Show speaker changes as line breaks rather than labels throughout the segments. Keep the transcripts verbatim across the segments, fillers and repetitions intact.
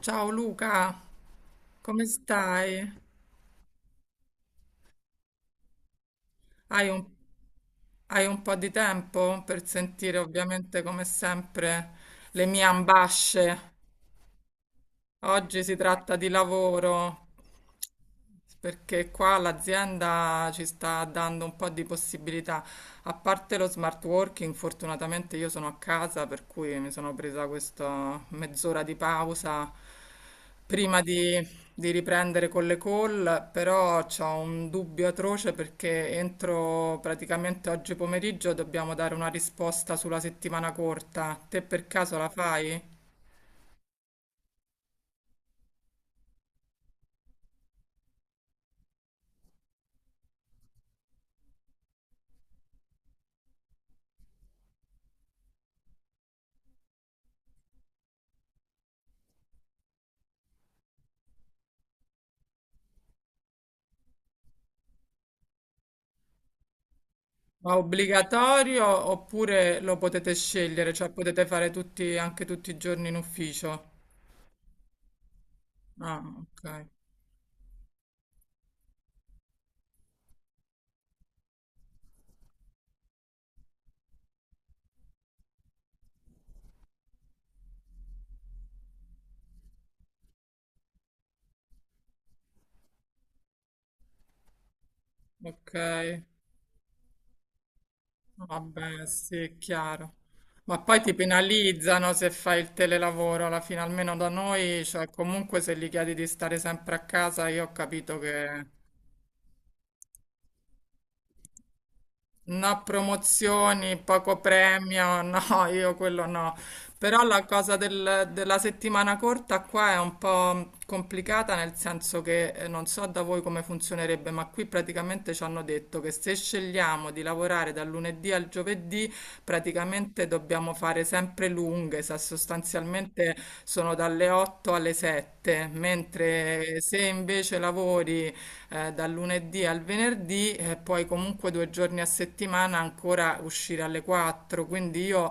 Ciao Luca, come stai? Hai un, hai un po' di tempo per sentire ovviamente come sempre le mie ambasce. Oggi si tratta di lavoro. Perché qua l'azienda ci sta dando un po' di possibilità, a parte lo smart working, fortunatamente io sono a casa, per cui mi sono presa questa mezz'ora di pausa prima di, di riprendere con le call, però ho un dubbio atroce perché entro praticamente oggi pomeriggio dobbiamo dare una risposta sulla settimana corta. Te per caso la fai? Ma obbligatorio oppure lo potete scegliere, cioè potete fare tutti, anche tutti i giorni in ufficio? Ah, ok, ok, vabbè, sì, è chiaro. Ma poi ti penalizzano se fai il telelavoro, alla fine almeno da noi, cioè comunque se gli chiedi di stare sempre a casa, io ho capito che no, promozioni, poco premio, no, io quello no. Però la cosa del- della settimana corta qua è un po' complicata, nel senso che eh, non so da voi come funzionerebbe, ma qui praticamente ci hanno detto che se scegliamo di lavorare dal lunedì al giovedì, praticamente dobbiamo fare sempre lunghe, sa- sostanzialmente sono dalle otto alle sette, mentre se invece lavori eh, dal lunedì al venerdì e poi comunque due giorni a settimana ancora uscire alle quattro, quindi io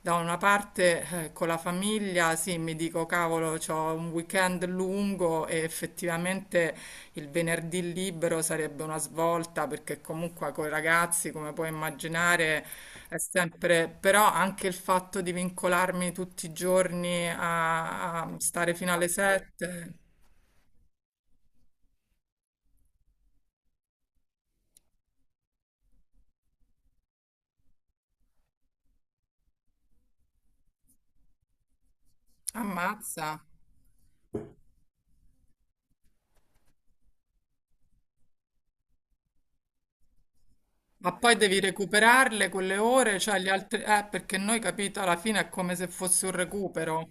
da una parte eh, con la famiglia sì, mi dico cavolo, ho un weekend lungo e effettivamente il venerdì libero sarebbe una svolta perché comunque con i ragazzi, come puoi immaginare, è sempre, però anche il fatto di vincolarmi tutti i giorni a, a stare fino alle sette, ammazza. Ma poi devi recuperarle quelle ore, cioè gli altri... Eh, perché noi, capito, alla fine è come se fosse un recupero.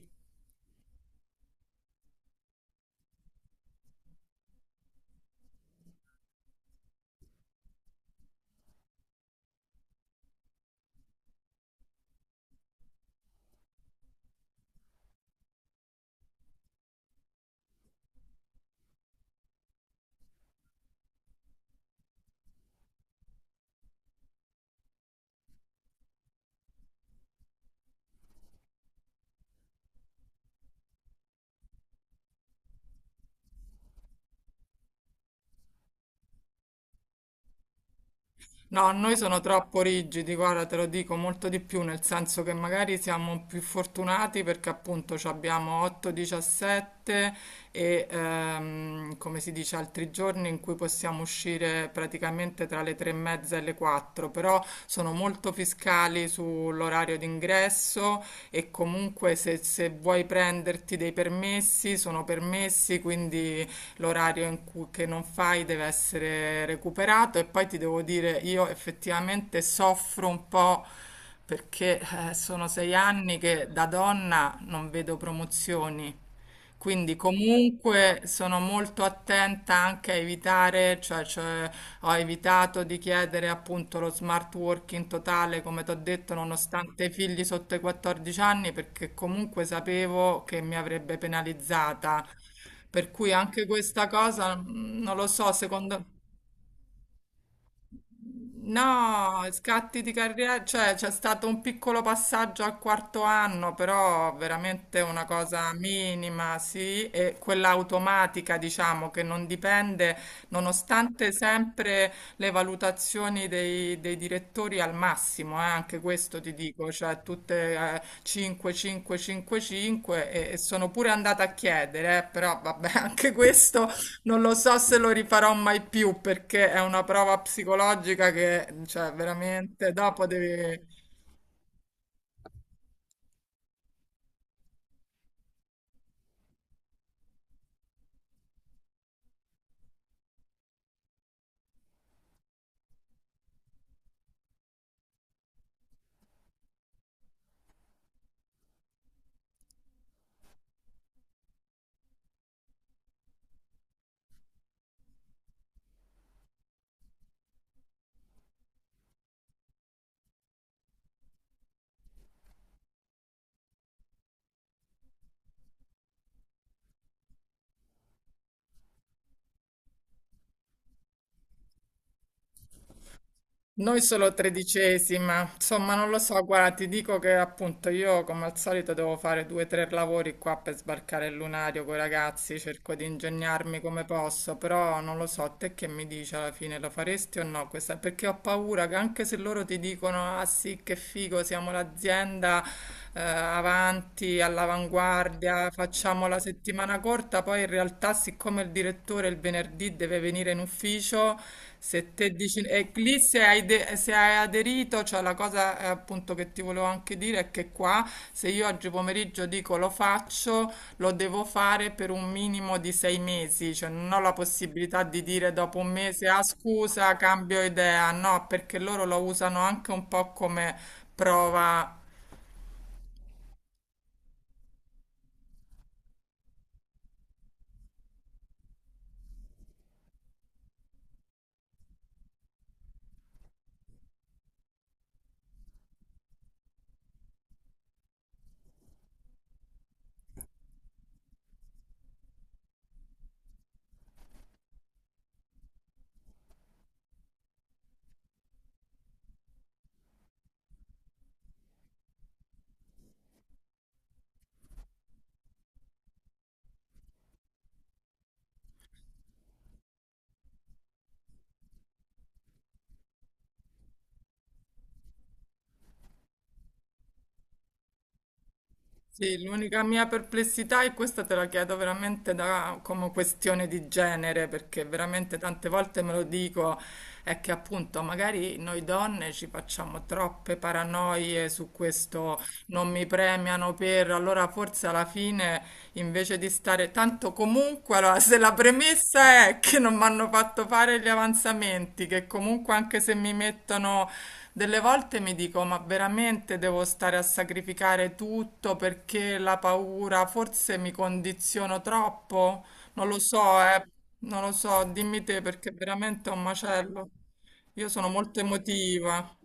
No, a noi sono troppo rigidi, guarda, te lo dico molto di più, nel senso che magari siamo più fortunati perché appunto ci abbiamo otto diciassette e ehm, come si dice altri giorni in cui possiamo uscire praticamente tra le tre e mezza e le quattro, però sono molto fiscali sull'orario d'ingresso e comunque se, se vuoi prenderti dei permessi sono permessi, quindi l'orario in cui, che non fai deve essere recuperato e poi ti devo dire, io effettivamente soffro un po' perché eh, sono sei anni che da donna non vedo promozioni. Quindi comunque sono molto attenta anche a evitare, cioè, cioè, ho evitato di chiedere appunto lo smart working totale, come ti ho detto, nonostante i figli sotto i quattordici anni, perché comunque sapevo che mi avrebbe penalizzata, per cui anche questa cosa, mm, non lo so, secondo... No, scatti di carriera, cioè c'è stato un piccolo passaggio al quarto anno, però veramente una cosa minima, sì, e quella automatica, diciamo, che non dipende, nonostante sempre le valutazioni dei, dei direttori al massimo. Eh, anche questo ti dico, cioè tutte eh, cinque, cinque, cinque, cinque e, e sono pure andata a chiedere, eh, però vabbè, anche questo non lo so se lo rifarò mai più perché è una prova psicologica che, cioè, veramente dopo devi. Noi solo tredicesima, insomma, non lo so. Guarda, ti dico che appunto io, come al solito, devo fare due o tre lavori qua per sbarcare il lunario con i ragazzi. Cerco di ingegnarmi come posso, però non lo so. Te che mi dici alla fine, lo faresti o no? Questa... Perché ho paura che anche se loro ti dicono, ah sì, che figo, siamo l'azienda, eh, avanti, all'avanguardia, facciamo la settimana corta, poi in realtà siccome il direttore il venerdì deve venire in ufficio, se te dici, e lì se hai, de- se hai aderito, cioè la cosa eh, appunto che ti volevo anche dire è che qua se io oggi pomeriggio dico lo faccio, lo devo fare per un minimo di sei mesi, cioè non ho la possibilità di dire dopo un mese, ah scusa, cambio idea, no, perché loro lo usano anche un po' come prova. Sì, l'unica mia perplessità, e questa te la chiedo veramente da, come questione di genere, perché veramente tante volte me lo dico, è che appunto magari noi donne ci facciamo troppe paranoie su questo, non mi premiano per, allora forse alla fine invece di stare tanto comunque, allora se la premessa è che non mi hanno fatto fare gli avanzamenti, che comunque anche se mi mettono... Delle volte mi dico, ma veramente devo stare a sacrificare tutto perché la paura, forse mi condiziono troppo? Non lo so, eh, non lo so, dimmi te perché veramente è un macello. Io sono molto emotiva.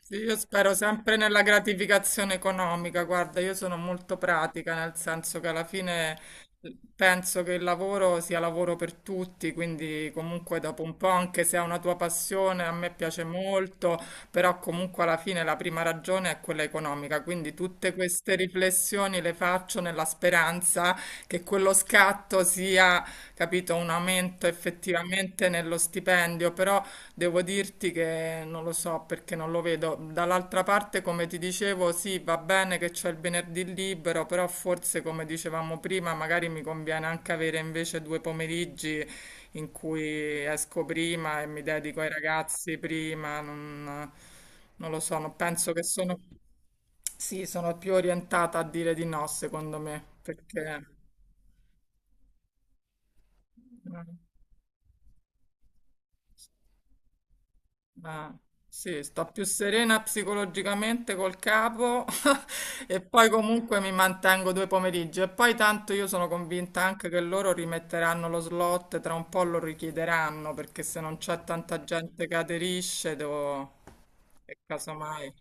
Sì, io spero sempre nella gratificazione economica, guarda, io sono molto pratica, nel senso che alla fine eh, penso che il lavoro sia lavoro per tutti, quindi comunque dopo un po', anche se è una tua passione, a me piace molto, però comunque alla fine la prima ragione è quella economica, quindi tutte queste riflessioni le faccio nella speranza che quello scatto sia, capito, un aumento effettivamente nello stipendio, però... Devo dirti che non lo so perché non lo vedo. Dall'altra parte, come ti dicevo, sì, va bene che c'è il venerdì libero, però forse, come dicevamo prima, magari mi conviene anche avere invece due pomeriggi in cui esco prima e mi dedico ai ragazzi prima. Non, non lo so, non penso che sono... Sì, sono più orientata a dire di no, secondo me, perché... eh, Ah, sì, sto più serena psicologicamente col capo e poi comunque mi mantengo due pomeriggi e poi tanto io sono convinta anche che loro rimetteranno lo slot, tra un po' lo richiederanno perché se non c'è tanta gente che aderisce devo... e casomai...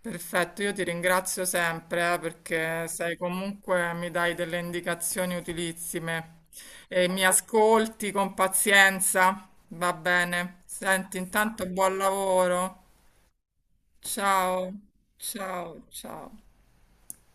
Perfetto, io ti ringrazio sempre, eh, perché sei comunque mi dai delle indicazioni utilissime e mi ascolti con pazienza. Va bene. Senti, intanto buon lavoro. Ciao, ciao, ciao.